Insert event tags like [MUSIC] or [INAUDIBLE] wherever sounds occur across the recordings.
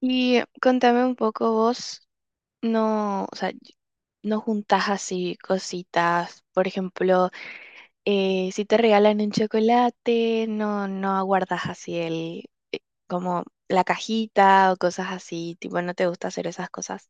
Y contame un poco vos, no, o sea, no juntás así cositas, por ejemplo, si te regalan un chocolate, no, no aguardas así el, eh, como la cajita o cosas así, tipo, no te gusta hacer esas cosas.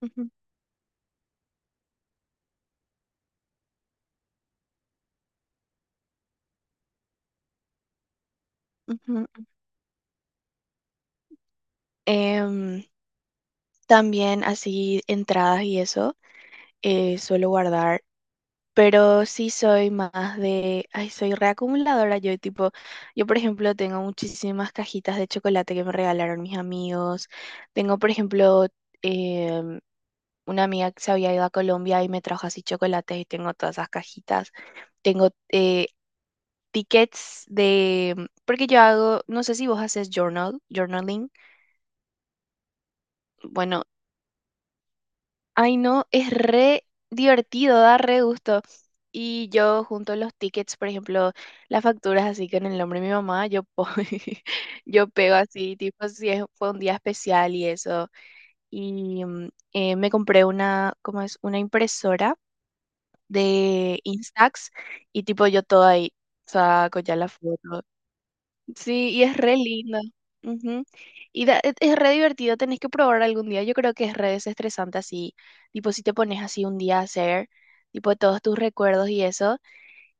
Ujú, ujú. Em, También así entradas y eso, suelo guardar. Pero sí soy más de, ay, soy reacumuladora. Yo tipo, yo por ejemplo tengo muchísimas cajitas de chocolate que me regalaron mis amigos. Tengo por ejemplo em, una amiga que se había ido a Colombia y me trajo así chocolates y tengo todas esas cajitas. Tengo tickets de, porque yo hago, no sé si vos haces journaling. Bueno, ay, no, es re divertido, da re gusto. Y yo junto los tickets, por ejemplo, las facturas así con el nombre de mi mamá, [LAUGHS] yo pego así, tipo, si fue un día especial y eso. Y me compré una, ¿cómo es? Una impresora de Instax y tipo yo todo ahí saco ya la foto. Sí, y es re lindo. Ujú. Y es re divertido, tenés que probar algún día. Yo creo que es re desestresante así, tipo si te pones así un día a hacer, tipo todos tus recuerdos y eso.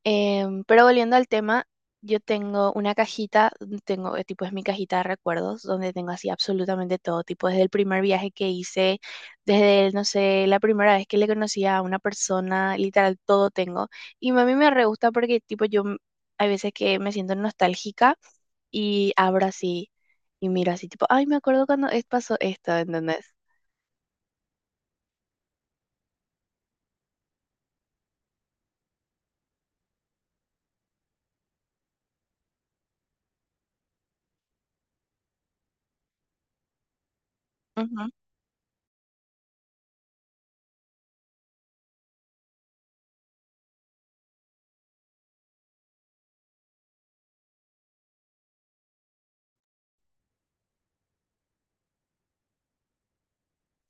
Pero volviendo al tema, yo tengo una cajita, tengo, tipo es mi cajita de recuerdos, donde tengo así absolutamente todo, tipo desde el primer viaje que hice, desde, no sé, la primera vez que le conocí a una persona, literal, todo tengo. Y a mí me re gusta porque tipo hay veces que me siento nostálgica y abro así y miro así, tipo, ay, me acuerdo cuando pasó esto, ¿entendés?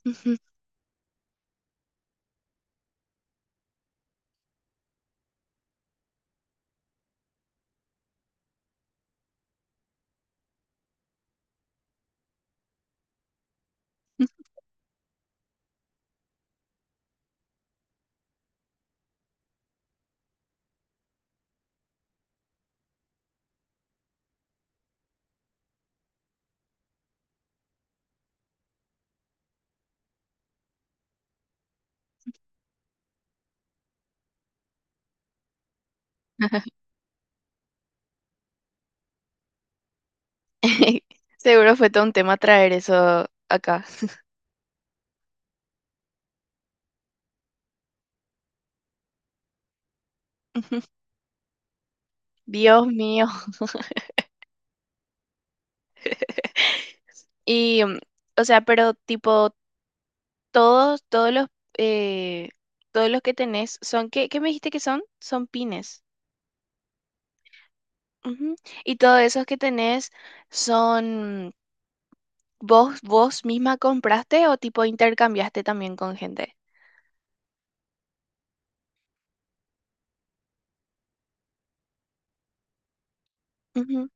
Ujú. [LAUGHS] Seguro fue todo un tema traer eso acá. [LAUGHS] Dios mío. [LAUGHS] Y, mm, o sea, pero tipo, todos, todos los, eh, todos los que tenés son, ¿qué, qué me dijiste que son? Son pines. Ujú. Y todos esos que tenés son, vos misma compraste o tipo intercambiaste también con gente? Ujú,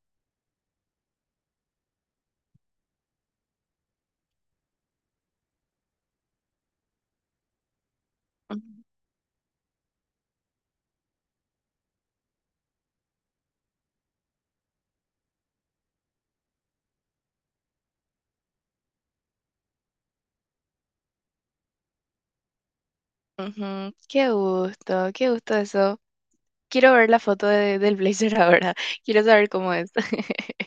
ujú, ujú. Qué gusto eso. Quiero ver la foto del blazer ahora. [LAUGHS] Quiero saber cómo es. [LAUGHS]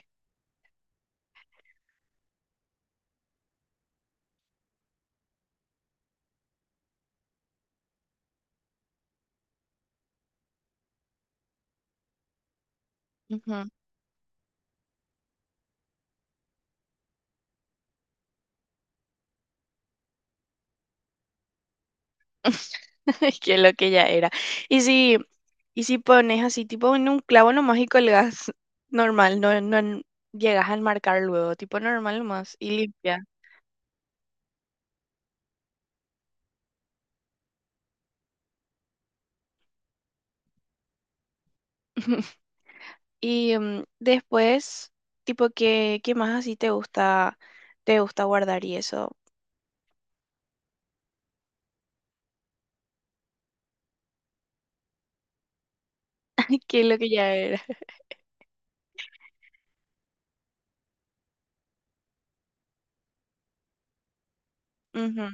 Ujú. [LAUGHS] Que lo que ya era. Y si, y si pones así, tipo en un clavo nomás y colgas normal, no, no en- llegas a marcar luego, tipo normal nomás y limpia. [LAUGHS] Y después, tipo, ¿qué, qué más así te gusta guardar y eso? [LAUGHS] Que lo que ya era. Ujú.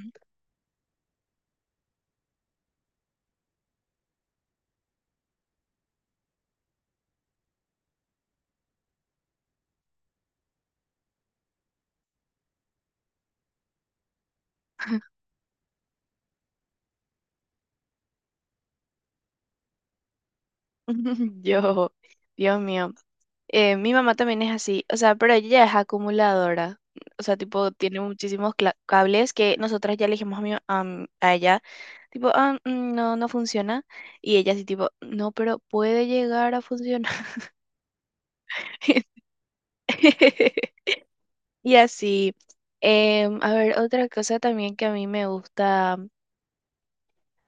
[LAUGHS] Yo, Dios mío. Mi mamá también es así, o sea, pero ella es acumuladora, o sea, tipo, tiene muchísimos cables que nosotras ya le dijimos a, a ella, tipo, "Ah, mm, no, no funciona, y ella así, tipo, no, pero puede llegar a funcionar. [LAUGHS] Y así, em, a ver, otra cosa también que a mí me gusta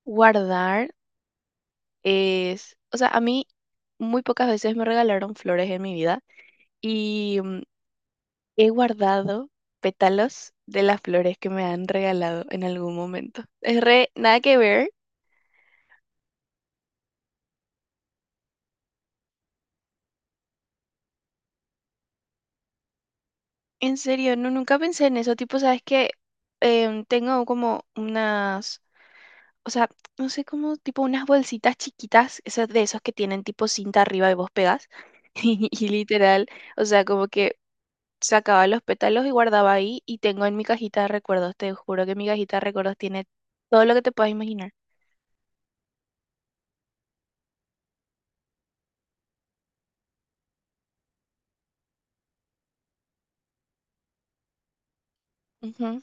guardar es, o sea, a mí muy pocas veces me regalaron flores en mi vida. Y mm, he guardado pétalos de las flores que me han regalado en algún momento. Es re, nada que ver. En serio, no, nunca pensé en eso. Tipo, sabes que tengo como unas, o sea, no sé, cómo tipo unas bolsitas chiquitas, esas de esos que tienen tipo cinta arriba y vos pegas. [LAUGHS] Y literal, o sea, como que sacaba los pétalos y guardaba ahí y tengo en mi cajita de recuerdos. Te juro que mi cajita de recuerdos tiene todo lo que te puedas imaginar. Ujú.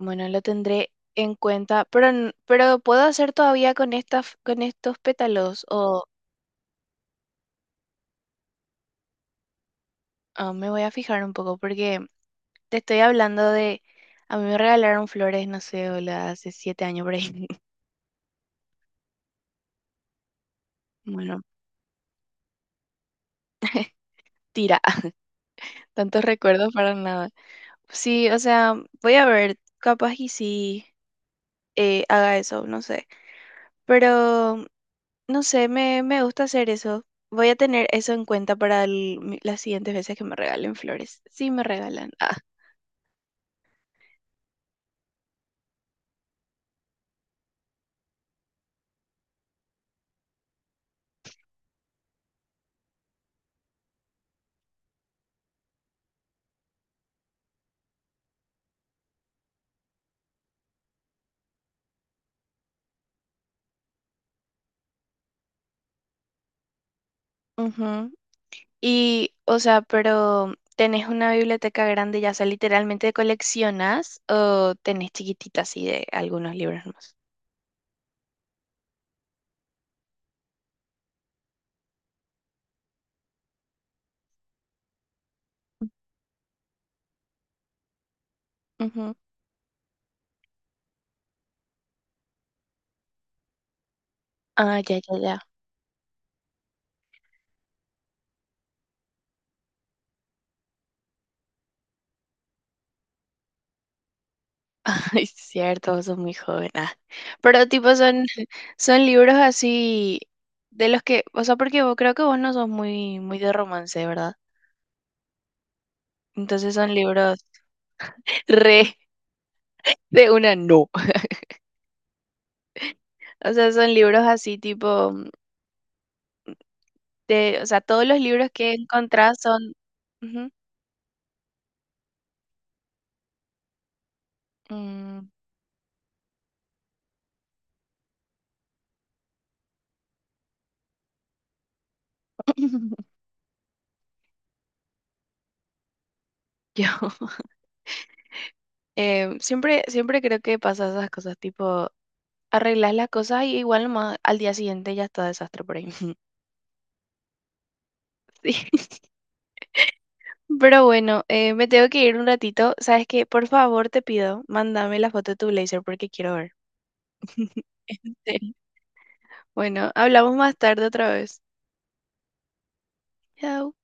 Bueno, lo tendré en cuenta, pero, pero ¿puedo hacer todavía con estas, con estos pétalos? O ah, me voy a fijar un poco, porque te estoy hablando de, a mí me regalaron flores, no sé, hola, hace 7 años por ahí. [LAUGHS] Bueno, tira, [LAUGHS] tantos recuerdos para nada. Sí, o sea, voy a ver, capaz y sí haga eso, no sé. Pero, no sé, me gusta hacer eso. Voy a tener eso en cuenta para las siguientes veces que me regalen flores. Sí, me regalan. [LAUGHS] Ujú. Y, o sea, pero ¿tenés una biblioteca grande, ya sea literalmente coleccionas o tenés chiquititas así de algunos libros más? Ujú. Ah, ya, ya, ya. [LAUGHS] Es cierto, vos sos muy joven. Ah. Pero tipo son, son libros así de los que, o sea, porque creo que vos no sos muy, muy de romance, ¿verdad? Entonces son libros re [LAUGHS] de una no. [LAUGHS] O sea, son libros así tipo de, o sea, todos los libros que encontrás son, mm, [LAUGHS] yo [LAUGHS] em, siempre, siempre creo que pasa esas cosas, tipo, arreglas las cosas y igual nomás al día siguiente ya está desastre por ahí. [LAUGHS] Sí. Pero bueno, me tengo que ir un ratito. ¿Sabes qué? Por favor, te pido, mándame la foto de tu blazer porque quiero ver. [LAUGHS] Sí. Bueno, hablamos más tarde otra vez. Chao.